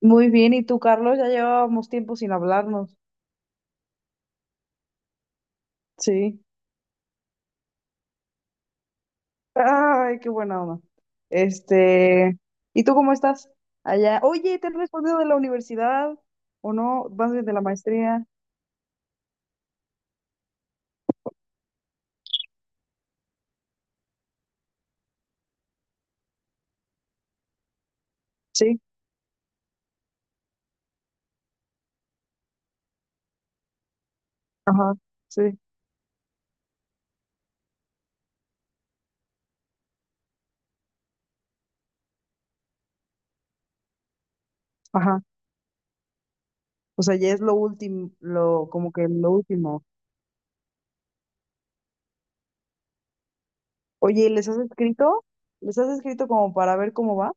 Muy bien, ¿y tú, Carlos? Ya llevábamos tiempo sin hablarnos. Sí. Ay, qué buena onda. Este, ¿Y tú cómo estás? Allá. Oye, ¿te han respondido de la universidad o no? ¿Vas de la maestría? Sí. Ajá. Sí. Ajá. O sea, ya es lo último, lo como que lo último. Oye, ¿les has escrito? ¿Les has escrito como para ver cómo va?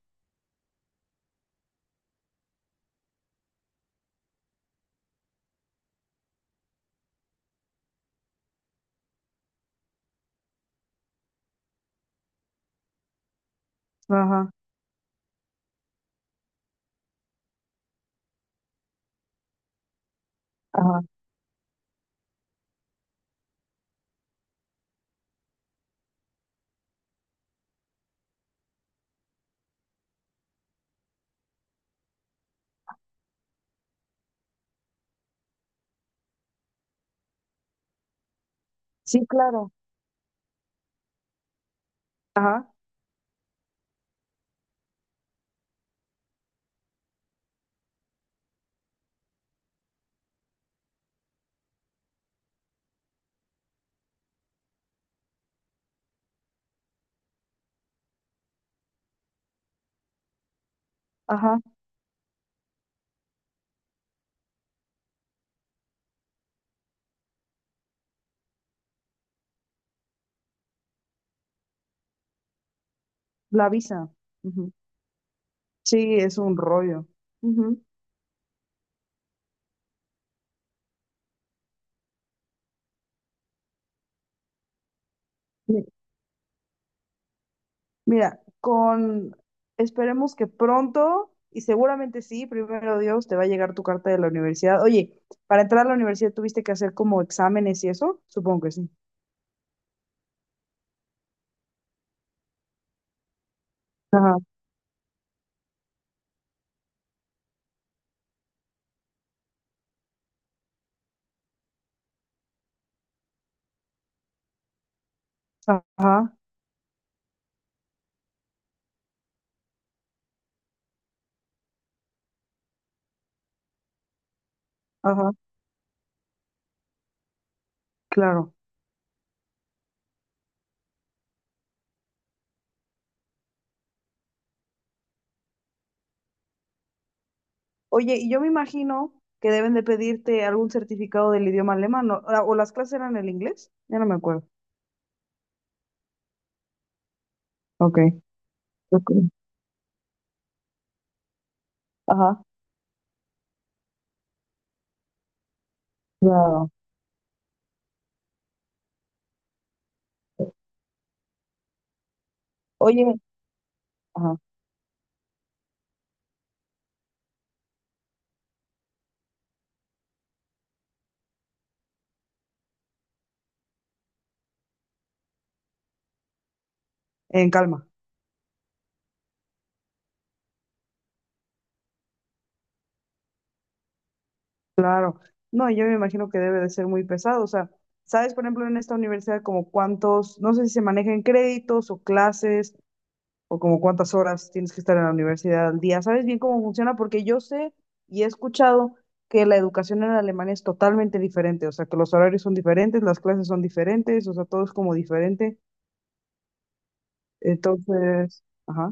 Ajá. Ajá. Sí, claro. Ajá. Ajá. La visa. Ujú. Sí, es un rollo. Ujú. Mira, con esperemos que pronto, y seguramente sí, primero Dios, te va a llegar tu carta de la universidad. Oye, para entrar a la universidad tuviste que hacer como exámenes y eso, supongo que sí. Ajá, ajá, ajá, claro. Oye, y yo me imagino que deben de pedirte algún certificado del idioma alemán, ¿no? Ah, ¿O las clases eran en inglés? Ya no me acuerdo. Ok, ok. Ajá, claro. Oye, ajá, en calma. Claro, no, yo me imagino que debe de ser muy pesado, o sea, ¿sabes, por ejemplo, en esta universidad como cuántos, no sé si se manejan créditos o clases o como cuántas horas tienes que estar en la universidad al día? ¿Sabes bien cómo funciona? Porque yo sé y he escuchado que la educación en Alemania es totalmente diferente, o sea, que los horarios son diferentes, las clases son diferentes, o sea, todo es como diferente, entonces, ajá,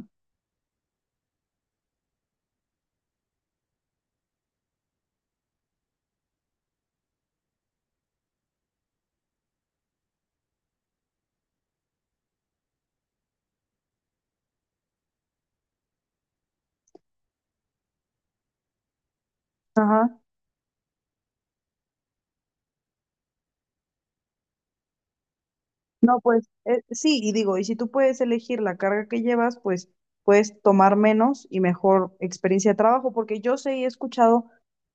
ajá. No, pues sí, y digo, y si tú puedes elegir la carga que llevas, pues puedes tomar menos y mejor experiencia de trabajo, porque yo sé y he escuchado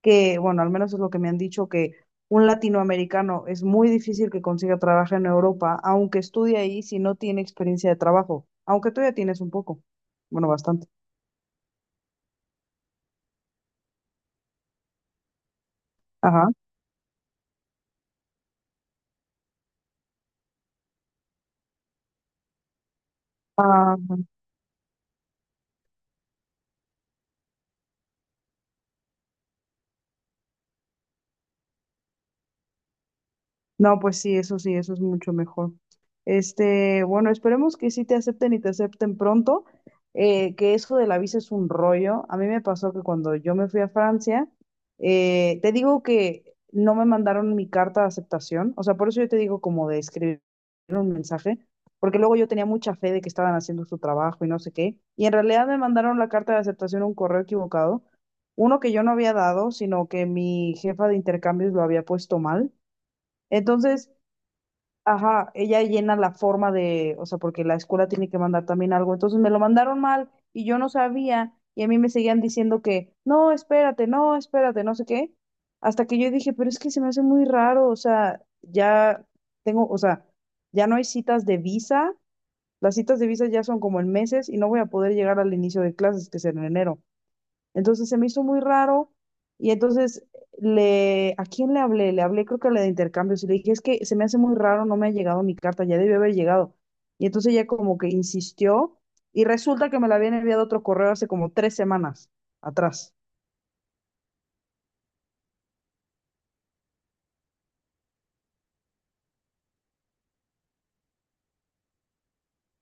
que, bueno, al menos es lo que me han dicho, que un latinoamericano es muy difícil que consiga trabajo en Europa, aunque estudie ahí, si no tiene experiencia de trabajo, aunque tú ya tienes un poco, bueno, bastante. Ajá. Ah, no, pues sí, eso es mucho mejor. Bueno, esperemos que sí te acepten y te acepten pronto, que eso de la visa es un rollo. A mí me pasó que cuando yo me fui a Francia, te digo que no me mandaron mi carta de aceptación, o sea, por eso yo te digo como de escribir un mensaje, porque luego yo tenía mucha fe de que estaban haciendo su trabajo y no sé qué, y en realidad me mandaron la carta de aceptación un correo equivocado, uno que yo no había dado, sino que mi jefa de intercambios lo había puesto mal. Entonces, ajá, ella llena la forma de, o sea, porque la escuela tiene que mandar también algo. Entonces me lo mandaron mal y yo no sabía y a mí me seguían diciendo que, no, espérate, no, espérate, no sé qué. Hasta que yo dije, pero es que se me hace muy raro, o sea, ya tengo, o sea, ya no hay citas de visa, las citas de visa ya son como en meses y no voy a poder llegar al inicio de clases, que es en enero. Entonces se me hizo muy raro y entonces le, ¿a quién le hablé? Le hablé creo que a la de intercambios y le dije, es que se me hace muy raro, no me ha llegado mi carta, ya debió haber llegado. Y entonces ella como que insistió y resulta que me la habían enviado otro correo hace como 3 semanas atrás.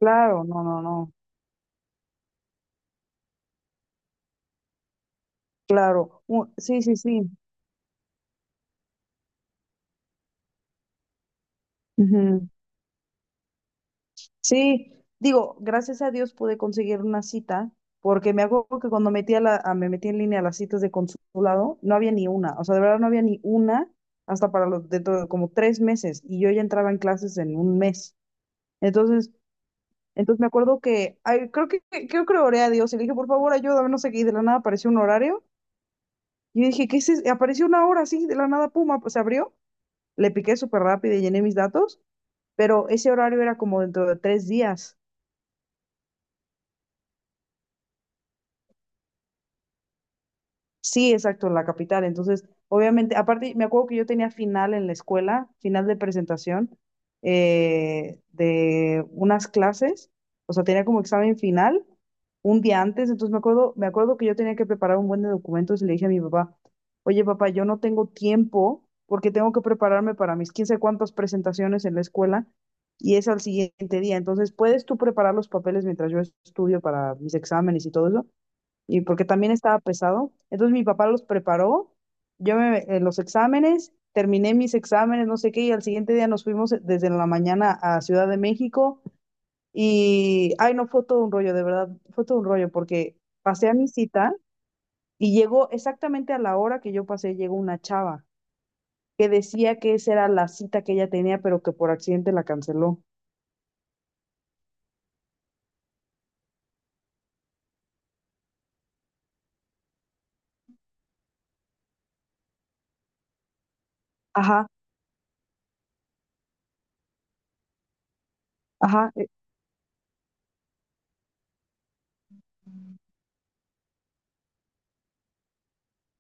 Claro, no, no, no, claro. Sí, sí, sí. Ujú. Sí, digo, gracias a Dios pude conseguir una cita, porque me acuerdo que cuando metí me metí en línea a las citas de consulado, no había ni una, o sea, de verdad no había ni una hasta para los, dentro de como 3 meses, y yo ya entraba en clases en un mes. Entonces, entonces me acuerdo que, ay, creo que le oré a Dios y le dije, por favor, ayúdame, no sé qué, y de la nada apareció un horario, y yo dije, ¿qué es eso? Apareció una hora así, de la nada, puma, pues se abrió, le piqué súper rápido y llené mis datos, pero ese horario era como dentro de 3 días. Sí, exacto, en la capital. Entonces, obviamente, aparte, me acuerdo que yo tenía final en la escuela, final de presentación de unas clases, o sea, tenía como examen final un día antes, entonces me acuerdo, que yo tenía que preparar un buen de documentos y le dije a mi papá, oye papá, yo no tengo tiempo porque tengo que prepararme para mis quién sabe cuántas presentaciones en la escuela y es al siguiente día, entonces, ¿puedes tú preparar los papeles mientras yo estudio para mis exámenes y todo eso? Y porque también estaba pesado. Entonces mi papá los preparó, yo me en los exámenes, terminé mis exámenes, no sé qué, y al siguiente día nos fuimos desde la mañana a Ciudad de México y, ay, no, fue todo un rollo, de verdad, fue todo un rollo porque pasé a mi cita y llegó exactamente a la hora que yo pasé, llegó una chava que decía que esa era la cita que ella tenía, pero que por accidente la canceló. Ajá, ajá.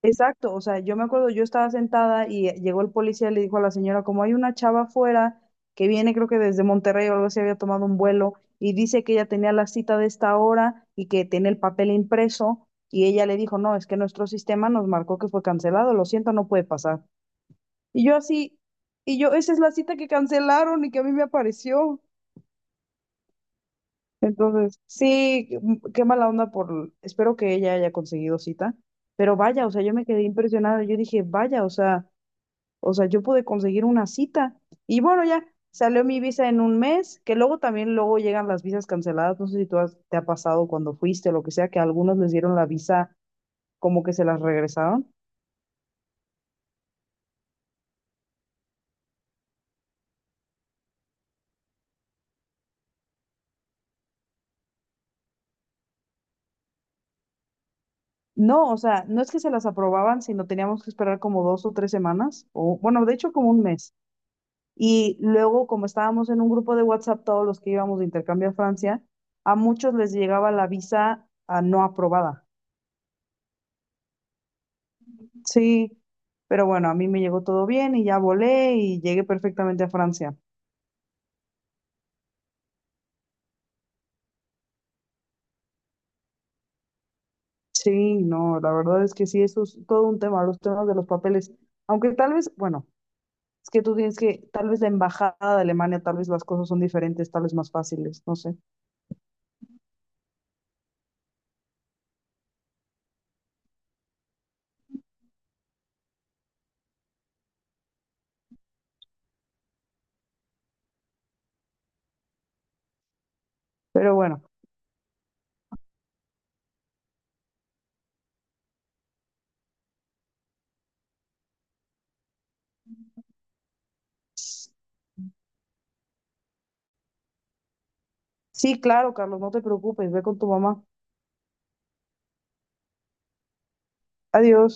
Exacto, o sea, yo me acuerdo, yo estaba sentada y llegó el policía y le dijo a la señora, como hay una chava afuera que viene creo que desde Monterrey o algo así, había tomado un vuelo y dice que ella tenía la cita de esta hora y que tiene el papel impreso y ella le dijo, no, es que nuestro sistema nos marcó que fue cancelado, lo siento, no puede pasar. Y yo así, y yo, esa es la cita que cancelaron y que a mí me apareció. Entonces, sí, qué mala onda por, espero que ella haya conseguido cita, pero vaya, o sea, yo me quedé impresionada, yo dije, vaya, o sea, yo pude conseguir una cita. Y bueno, ya salió mi visa en un mes, que luego también luego llegan las visas canceladas. No sé si te ha pasado cuando fuiste o lo que sea, que a algunos les dieron la visa como que se las regresaron. No, o sea, no es que se las aprobaban, sino teníamos que esperar como 2 o 3 semanas, o bueno, de hecho como un mes. Y luego, como estábamos en un grupo de WhatsApp, todos los que íbamos de intercambio a Francia, a muchos les llegaba la visa no aprobada. Sí, pero bueno, a mí me llegó todo bien y ya volé y llegué perfectamente a Francia. Sí, no, la verdad es que sí, eso es todo un tema, los temas de los papeles. Aunque tal vez, bueno, es que tú tienes que, tal vez la embajada de Alemania, tal vez las cosas son diferentes, tal vez más fáciles, no sé. Pero bueno, sí, claro, Carlos, no te preocupes, ve con tu mamá. Adiós.